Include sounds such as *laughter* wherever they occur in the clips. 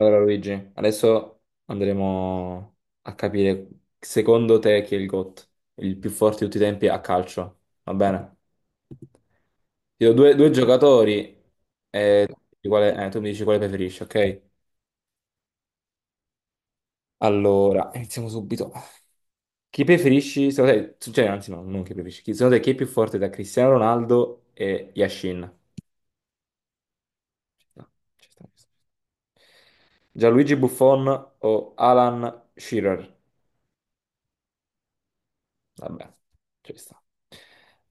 Allora Luigi, adesso andremo a capire secondo te chi è il GOAT, il più forte di tutti i tempi a calcio, va bene? Ti do due giocatori e tu mi dici quale tu mi dici quale preferisci, ok? Allora, iniziamo subito. Chi preferisci, secondo te, cioè, anzi no, non chi preferisci, chi, secondo te chi è più forte da Cristiano Ronaldo e Yashin? Ci sta, ci sta, ci sta. Gianluigi Buffon o Alan Shearer? Vabbè, ci sta.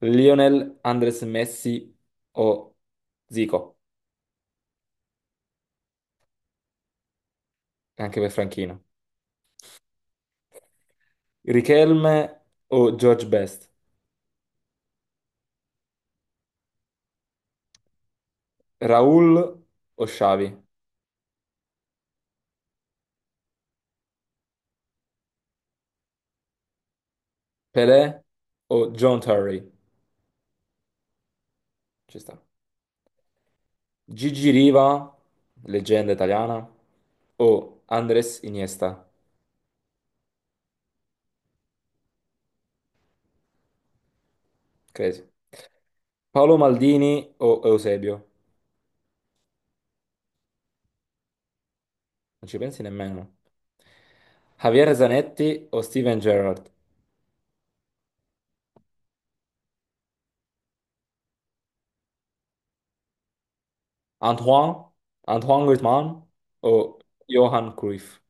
Lionel, Andres Messi o Zico, anche per Franchino. Riquelme o George Best. Raul o Xavi. Pelé o John Terry. Ci sta. Gigi Riva, leggenda italiana, o Andres Iniesta. Crazy. Paolo Maldini o Eusebio. Non ci pensi nemmeno. Javier Zanetti o Steven Gerrard. Antoine, Antoine Griezmann o Johan Cruyff?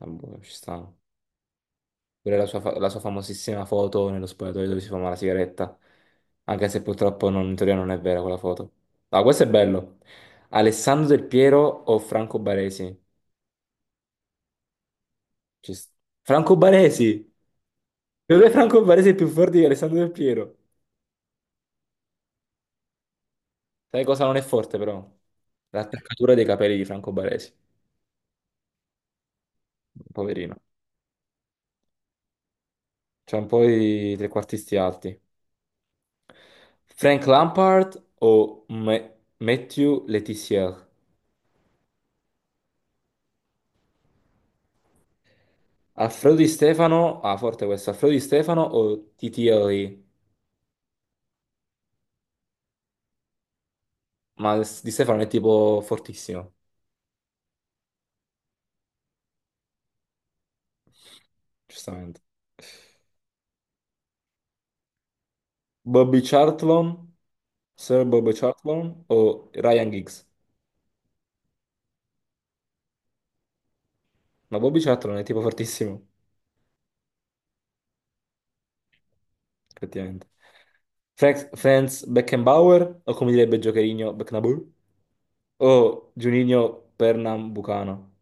Ah, boh, ci sta. Pure la sua, la sua famosissima foto nello spogliatoio dove si fuma la sigaretta. Anche se purtroppo in teoria non è vera quella foto. Ah, questo è bello. Alessandro Del Piero o Franco Baresi? Ci sta. Franco Baresi! Dov'è Franco Baresi è più forte di Alessandro Del Piero? Sai cosa non è forte però? L'attaccatura dei capelli di Franco Baresi. Poverino. C'è un po' i trequartisti alti. Frank Lampard o Mathieu Letizia? Alfredo Di Stefano, ah forte questo, Alfredo Di Stefano o Titieri? Ma Di Stefano è tipo fortissimo, giustamente. Bobby Charlton, Sir Bobby Charlton o Ryan Giggs? Ma Bobby Charlton è tipo fortissimo, effettivamente. Franz Beckenbauer o come direbbe Giocherino Beckenbauer? O Juninho Pernambucano?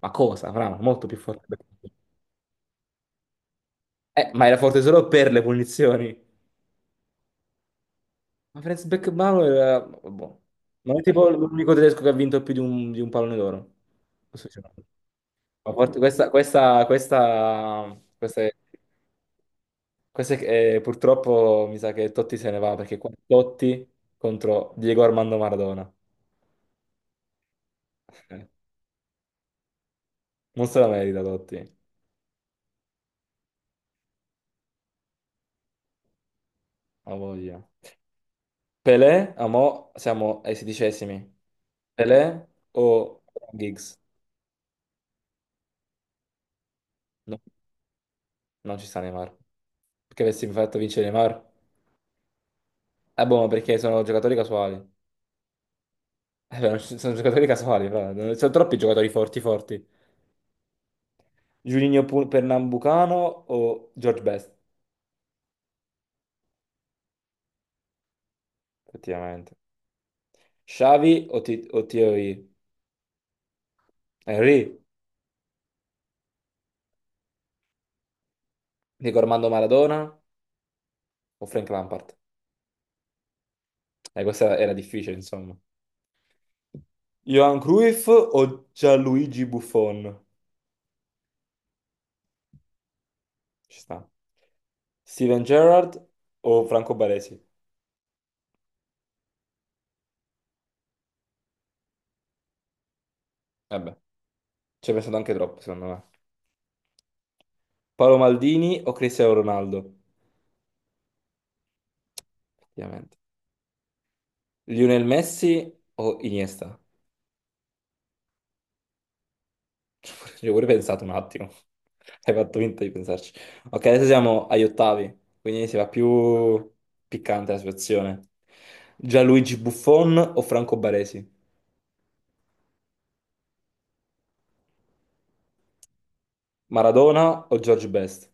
Ma cosa, Fra, molto più forte. Ma era forte solo per le punizioni. Ma Franz Beckenbauer era boh. Non è tipo l'unico tedesco che ha vinto più di un pallone d'oro. Questo sì. No. Ma forte- Questa, questa, questa, questa è- purtroppo mi sa che Totti se ne va perché qua Totti contro Diego Armando Maradona. *laughs* Eh, non se la merita Totti, ha voglia. Pelé, a mo siamo ai sedicesimi. Pelé o Giggs? No, non ci sta Neymar. Perché avessi fatto vincere Neymar? Boh, ma perché sono giocatori casuali. Beh, non ci- sono giocatori casuali, però. Sono troppi giocatori forti. Pernambucano o George Best, effettivamente. Xavi o, T o TOI? Henry, Dico Armando Maradona o Frank Lampard? Questa era difficile, insomma. Johan Cruyff o Gianluigi Buffon? Ci sta. Steven Gerrard o Franco Baresi? Vabbè, ci hai pensato anche troppo, secondo me. Paolo Maldini o Cristiano Ronaldo? Effettivamente. Lionel Messi o Iniesta? Ci ho pure pensato un attimo. *laughs* Hai fatto finta di pensarci. Ok, adesso siamo agli ottavi, quindi si va più piccante la situazione. Gianluigi Buffon o Franco Baresi? Maradona o George Best?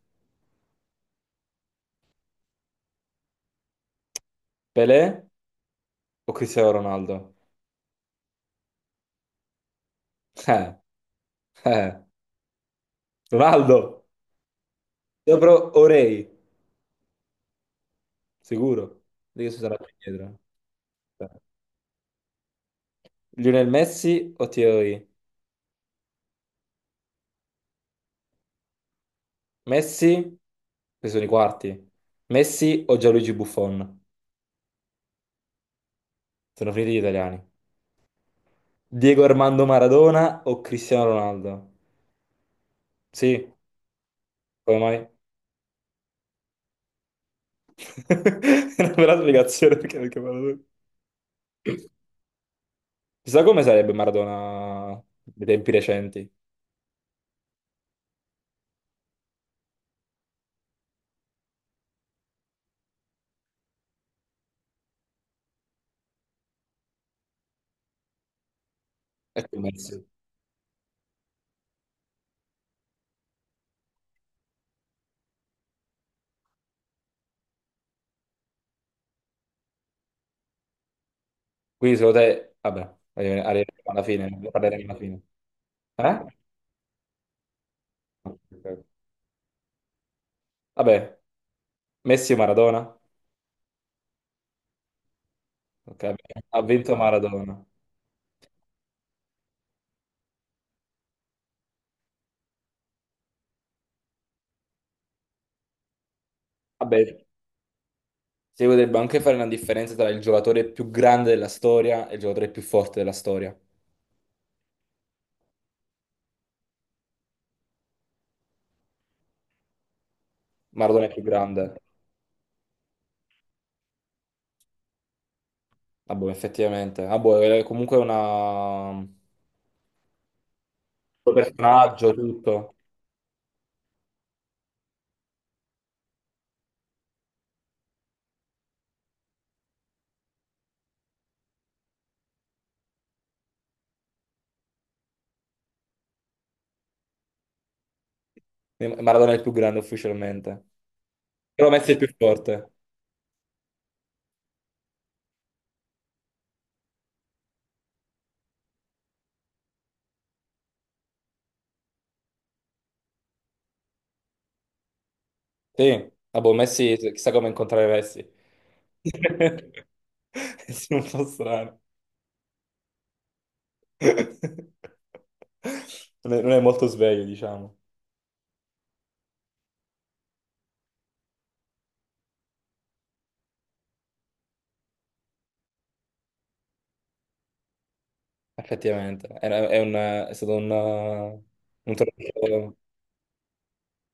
Pelé o Cristiano Ronaldo? Eh, eh. Ronaldo, sopra Orei, sicuro. Di che sarà più indietro. Lionel Messi o Thierry? Messi, questi sono i quarti. Messi o Gianluigi Buffon? Sono finiti gli italiani. Diego Armando Maradona o Cristiano Ronaldo? Sì, come mai? *laughs* È una bella spiegazione perché, perché Maradona. Chissà come sarebbe Maradona dei tempi recenti. Ecco Messi. Quindi secondo te, vabbè, arriveremo alla fine, ne parleremo alla fine. Eh? Ok. Vabbè, Messi o Maradona? Ok, ha vinto Maradona. Vabbè, si potrebbe anche fare una differenza tra il giocatore più grande della storia e il giocatore più forte della storia. Maradona è più grande. Ah, boh, effettivamente. Ah, boh, è comunque una personaggio, tutto. Maradona è il più grande ufficialmente. Però Messi è il più forte. Sì. Ah, boh, Messi, chissà come incontrare Messi. *laughs* Sì, un po' strano. *laughs* Non è molto sveglio, diciamo. Effettivamente, è, è stato un torneo.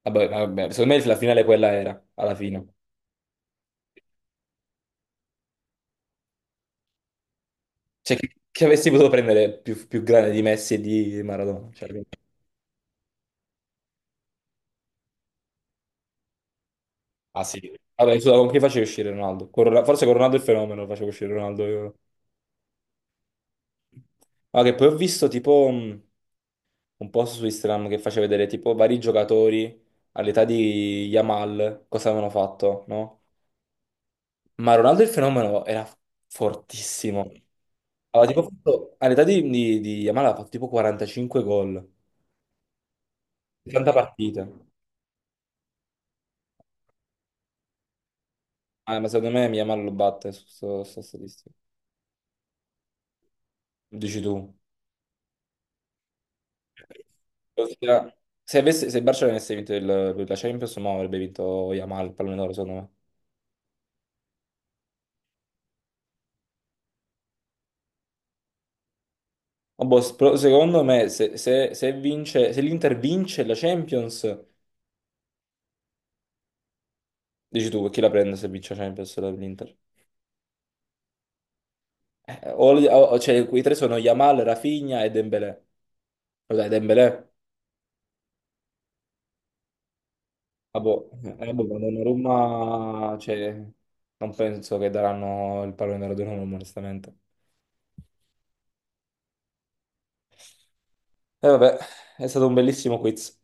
Vabbè, vabbè, secondo me la finale quella era, alla fine. Cioè, chi avessi potuto prendere più grande di Messi e di Maradona? Cioè, ah sì. Vabbè, scusa, con chi facevi uscire Ronaldo? Con forse con Ronaldo il fenomeno facevo uscire Ronaldo. Io. Ah, che poi ho visto tipo un post su Instagram che faceva vedere tipo vari giocatori all'età di Yamal, cosa avevano fatto, no? Ma Ronaldo il fenomeno era fortissimo. Aveva tipo fatto, all'età di Yamal ha fatto tipo 45 gol, 70 partite. Ah, ma secondo me Yamal lo batte su questa statistica. Dici tu. Ossia, se il Barcellona avesse vinto la Champions, no, avrebbe vinto Yamal, il pallone d'oro, secondo me. Ma boh, però secondo me, se vince, se l'Inter vince la Champions, dici tu, chi la prende se vince la Champions l'Inter? Eh, o- cioè, quei tre sono Yamal, Rafinha e Dembélé. Dai, Dembélé. Ah, boh, boh, quando a Roma, cioè, non penso che daranno il pallone d'oro a Roma, onestamente. E vabbè, è stato un bellissimo quiz.